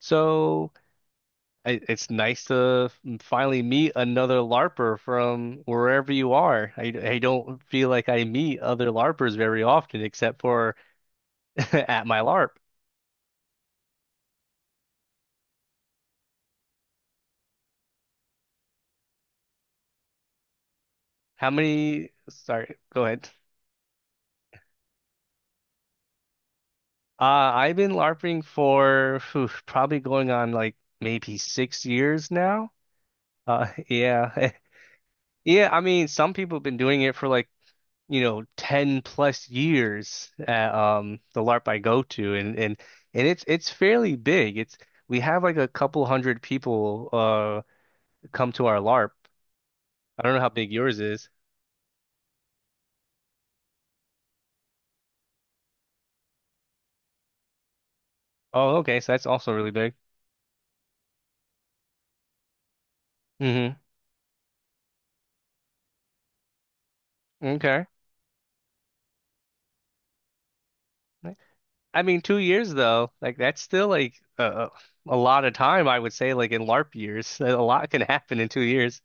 So I, it's nice to finally meet another LARPer from wherever you are. I don't feel like I meet other LARPers very often, except for at my LARP. How many? Sorry, go ahead. Uh, I've been LARPing for probably going on like maybe 6 years now. Yeah, yeah. I mean, some people have been doing it for like you know 10 plus years at the LARP I go to and it's fairly big. It's we have like a couple hundred people come to our LARP. I don't know how big yours is. Oh, okay, so that's also really big. hmm Okay. I mean, 2 years though, like that's still like a lot of time, I would say, like in LARP years. A lot can happen in 2 years.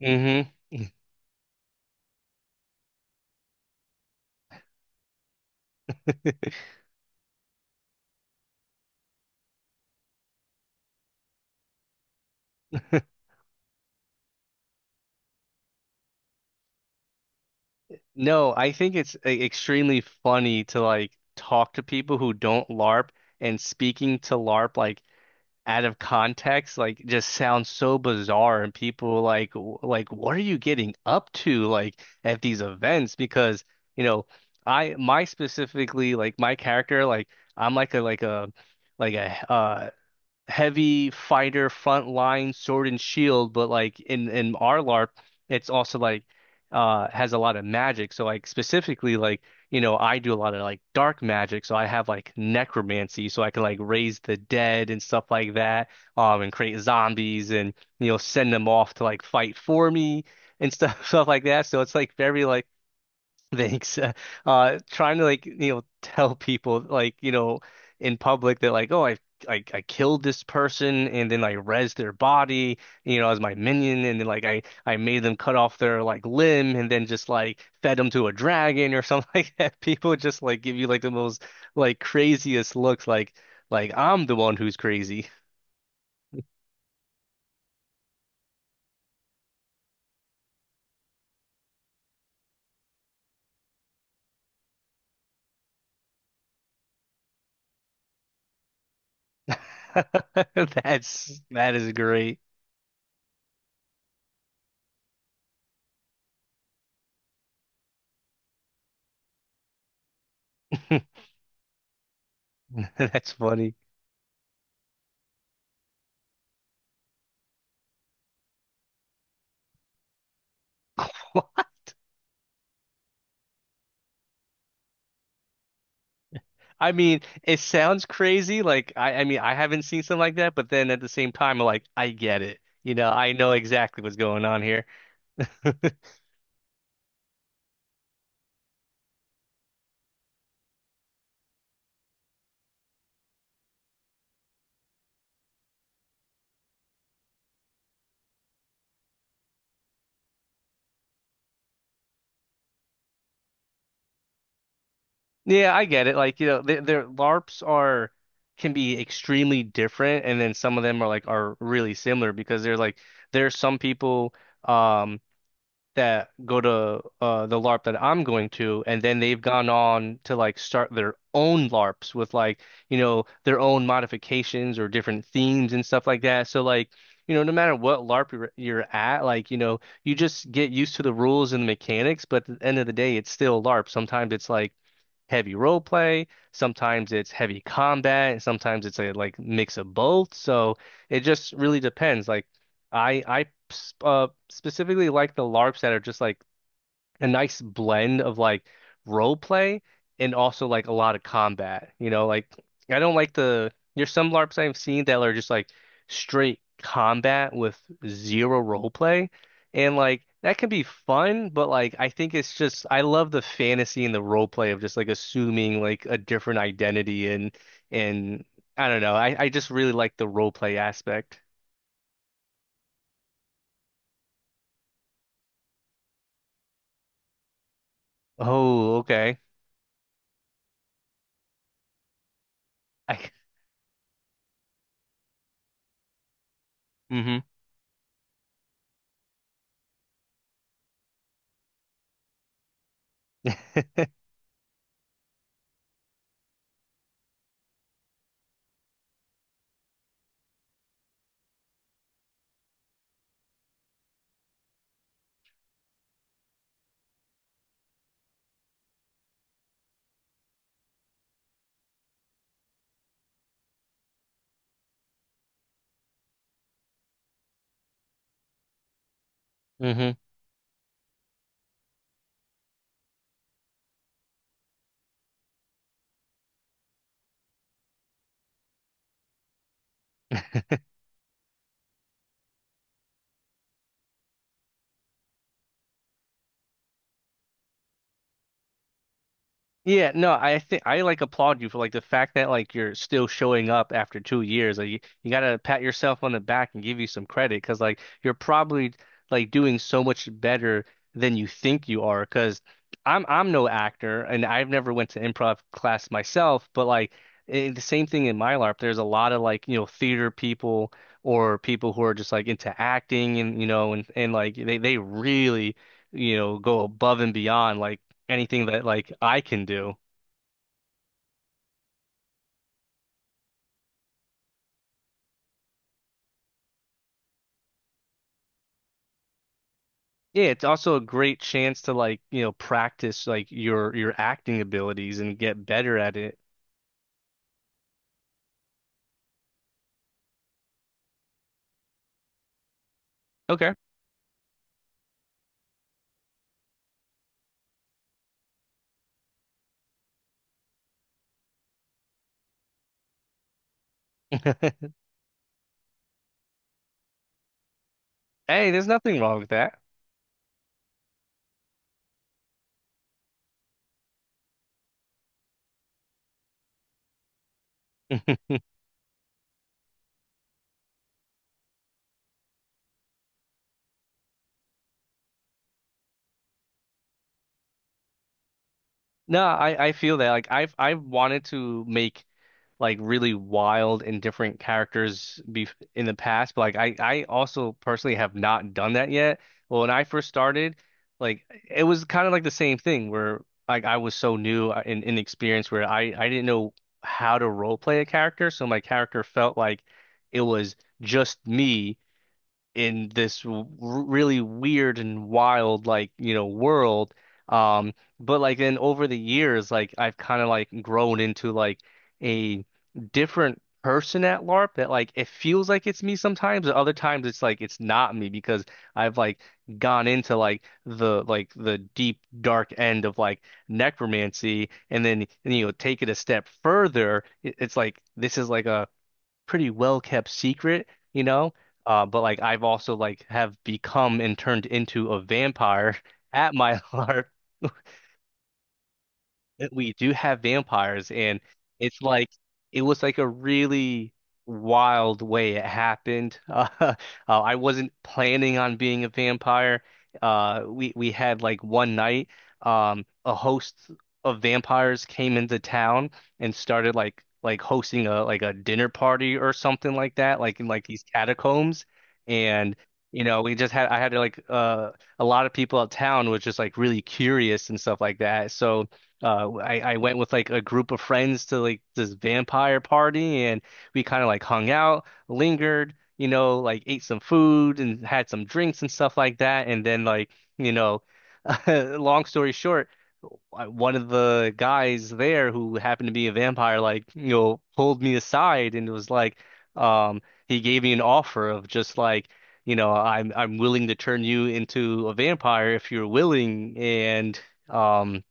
hmm No, I think it's extremely funny to like talk to people who don't LARP and speaking to LARP like out of context like just sounds so bizarre and people like like what are you getting up to like at these events because you know I my specifically like my character like I'm like a like a like a heavy fighter front line sword and shield, but like in our LARP, it's also like has a lot of magic. So like specifically like you know I do a lot of like dark magic, so I have like necromancy, so I can like raise the dead and stuff like that, and create zombies and you know send them off to like fight for me and stuff stuff like that. So it's like very like Thanks. Trying to like, you know, tell people like, you know, in public that like, oh, I killed this person and then I res their body, you know, as my minion, and then like I made them cut off their like limb and then just like fed them to a dragon or something like that. People just like give you like the most like craziest looks, like I'm the one who's crazy. That is great. That's funny. I mean, it sounds crazy. Like I mean, I haven't seen something like that, but then at the same time, I'm like I get it. You know, I know exactly what's going on here. Yeah, I get it. Like, you know, their LARPs are can be extremely different, and then some of them are like are really similar because they're like there are some people um that go to the LARP that I'm going to, and then they've gone on to like start their own LARPs with like, you know, their own modifications or different themes and stuff like that. So like, you know, no matter what LARP you're at, like, you know, you just get used to the rules and the mechanics, but at the end of the day, it's still LARP. Sometimes it's like heavy role play, sometimes it's heavy combat, and sometimes it's a like mix of both. So it just really depends. Like I I specifically like the LARPs that are just like a nice blend of like role play and also like a lot of combat. You know, like I don't like the there's some LARPs I've seen that are just like straight combat with zero role play. And like that can be fun, but like I think it's just I love the fantasy and the role play of just like assuming like a different identity and I don't know. I just really like the role play aspect. Oh, okay. I, mm-hmm. Yeah, no, I think I like applaud you for like the fact that like you're still showing up after 2 years. Like you gotta pat yourself on the back and give you some credit because like you're probably like doing so much better than you think you are. Because I'm no actor and I've never went to improv class myself, but like I the same thing in my LARP. There's a lot of like you know theater people or people who are just like into acting and you know and like they really you know go above and beyond like anything that like I can do. Yeah, it's also a great chance to like, you know, practice like your acting abilities and get better at it. Okay. Hey, there's nothing wrong with that. No, I feel that like I've wanted to make like really wild and different characters be in the past, but like I also personally have not done that yet. Well, when I first started, like it was kind of like the same thing where like I was so new and inexperienced where I didn't know how to role play a character, so my character felt like it was just me in this w really weird and wild like you know world um but like then over the years like I've kind of like grown into like a different person at LARP that like it feels like it's me sometimes and other times it's like it's not me because I've like gone into like the deep dark end of like necromancy and then you know take it a step further it's like this is like a pretty well kept secret, you know. But like I've also like have become and turned into a vampire at my heart we do have vampires and it's like it was like a really wild way it happened I wasn't planning on being a vampire we had like one night a host of vampires came into town and started like hosting a like a dinner party or something like that like in like these catacombs and you know we just had I had like a lot of people out town was just like really curious and stuff like that so I went with like a group of friends to like this vampire party and we kind of like hung out, lingered, you know, like ate some food and had some drinks and stuff like that and then like, you know, long story short, one of the guys there who happened to be a vampire like, you know, pulled me aside and was like um he gave me an offer of just like you know, I'm willing to turn you into a vampire if you're willing, and um,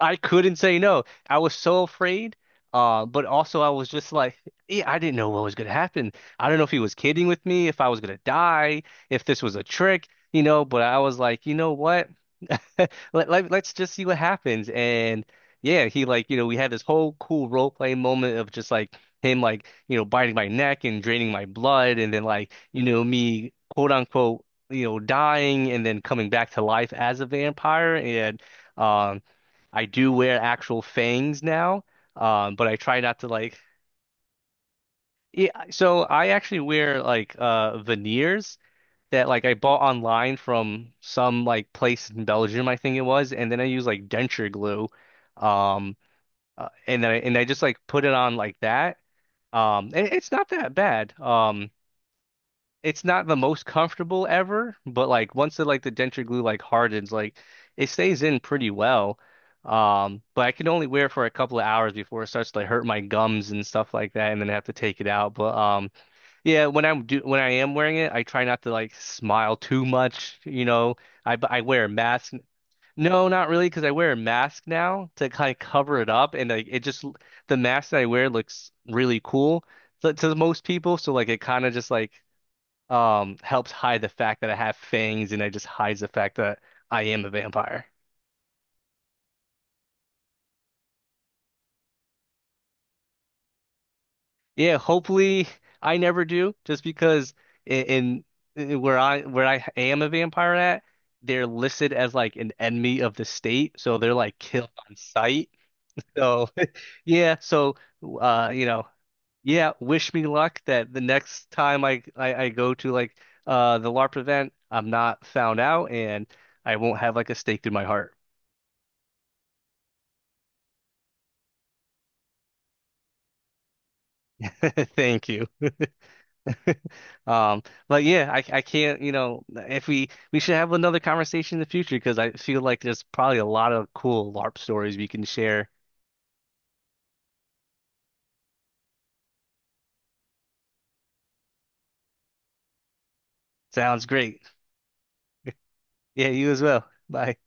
I couldn't say no. I was so afraid. But also I was just like, yeah, I didn't know what was gonna happen. I don't know if he was kidding with me, if I was gonna die, if this was a trick, you know, but I was like, you know what? Let's just see what happens. And yeah, he like, you know, we had this whole cool role play moment of just like him like, you know, biting my neck and draining my blood and then like, you know, me quote unquote, you know, dying and then coming back to life as a vampire and um I do wear actual fangs now, but I try not to like. Yeah, so I actually wear like veneers that like I bought online from some like place in Belgium, I think it was, and then I use like denture glue, um, and then and I just like put it on like that. And it's not that bad. It's not the most comfortable ever, but like once the like the denture glue like hardens, like it stays in pretty well. But I can only wear it for a couple of hours before it starts to like hurt my gums and stuff like that, and then I have to take it out. But yeah, when I am wearing it, I try not to like smile too much. You know, I wear a mask. No, not really, because I wear a mask now to kind of cover it up, and like it just the mask that I wear looks really cool to most people. So like it kind of just like helps hide the fact that I have fangs and it just hides the fact that I am a vampire. Yeah, hopefully I never do, just because in, in in where I am a vampire at, they're listed as like an enemy of the state, so they're like killed on sight. So yeah, so you know, yeah, wish me luck that the next time I go to like the LARP event, I'm not found out and I won't have like a stake through my heart. Thank you. Um, but yeah, I can't, you know, if we should have another conversation in the future because I feel like there's probably a lot of cool LARP stories we can share. Sounds great. Yeah, you as well. Bye.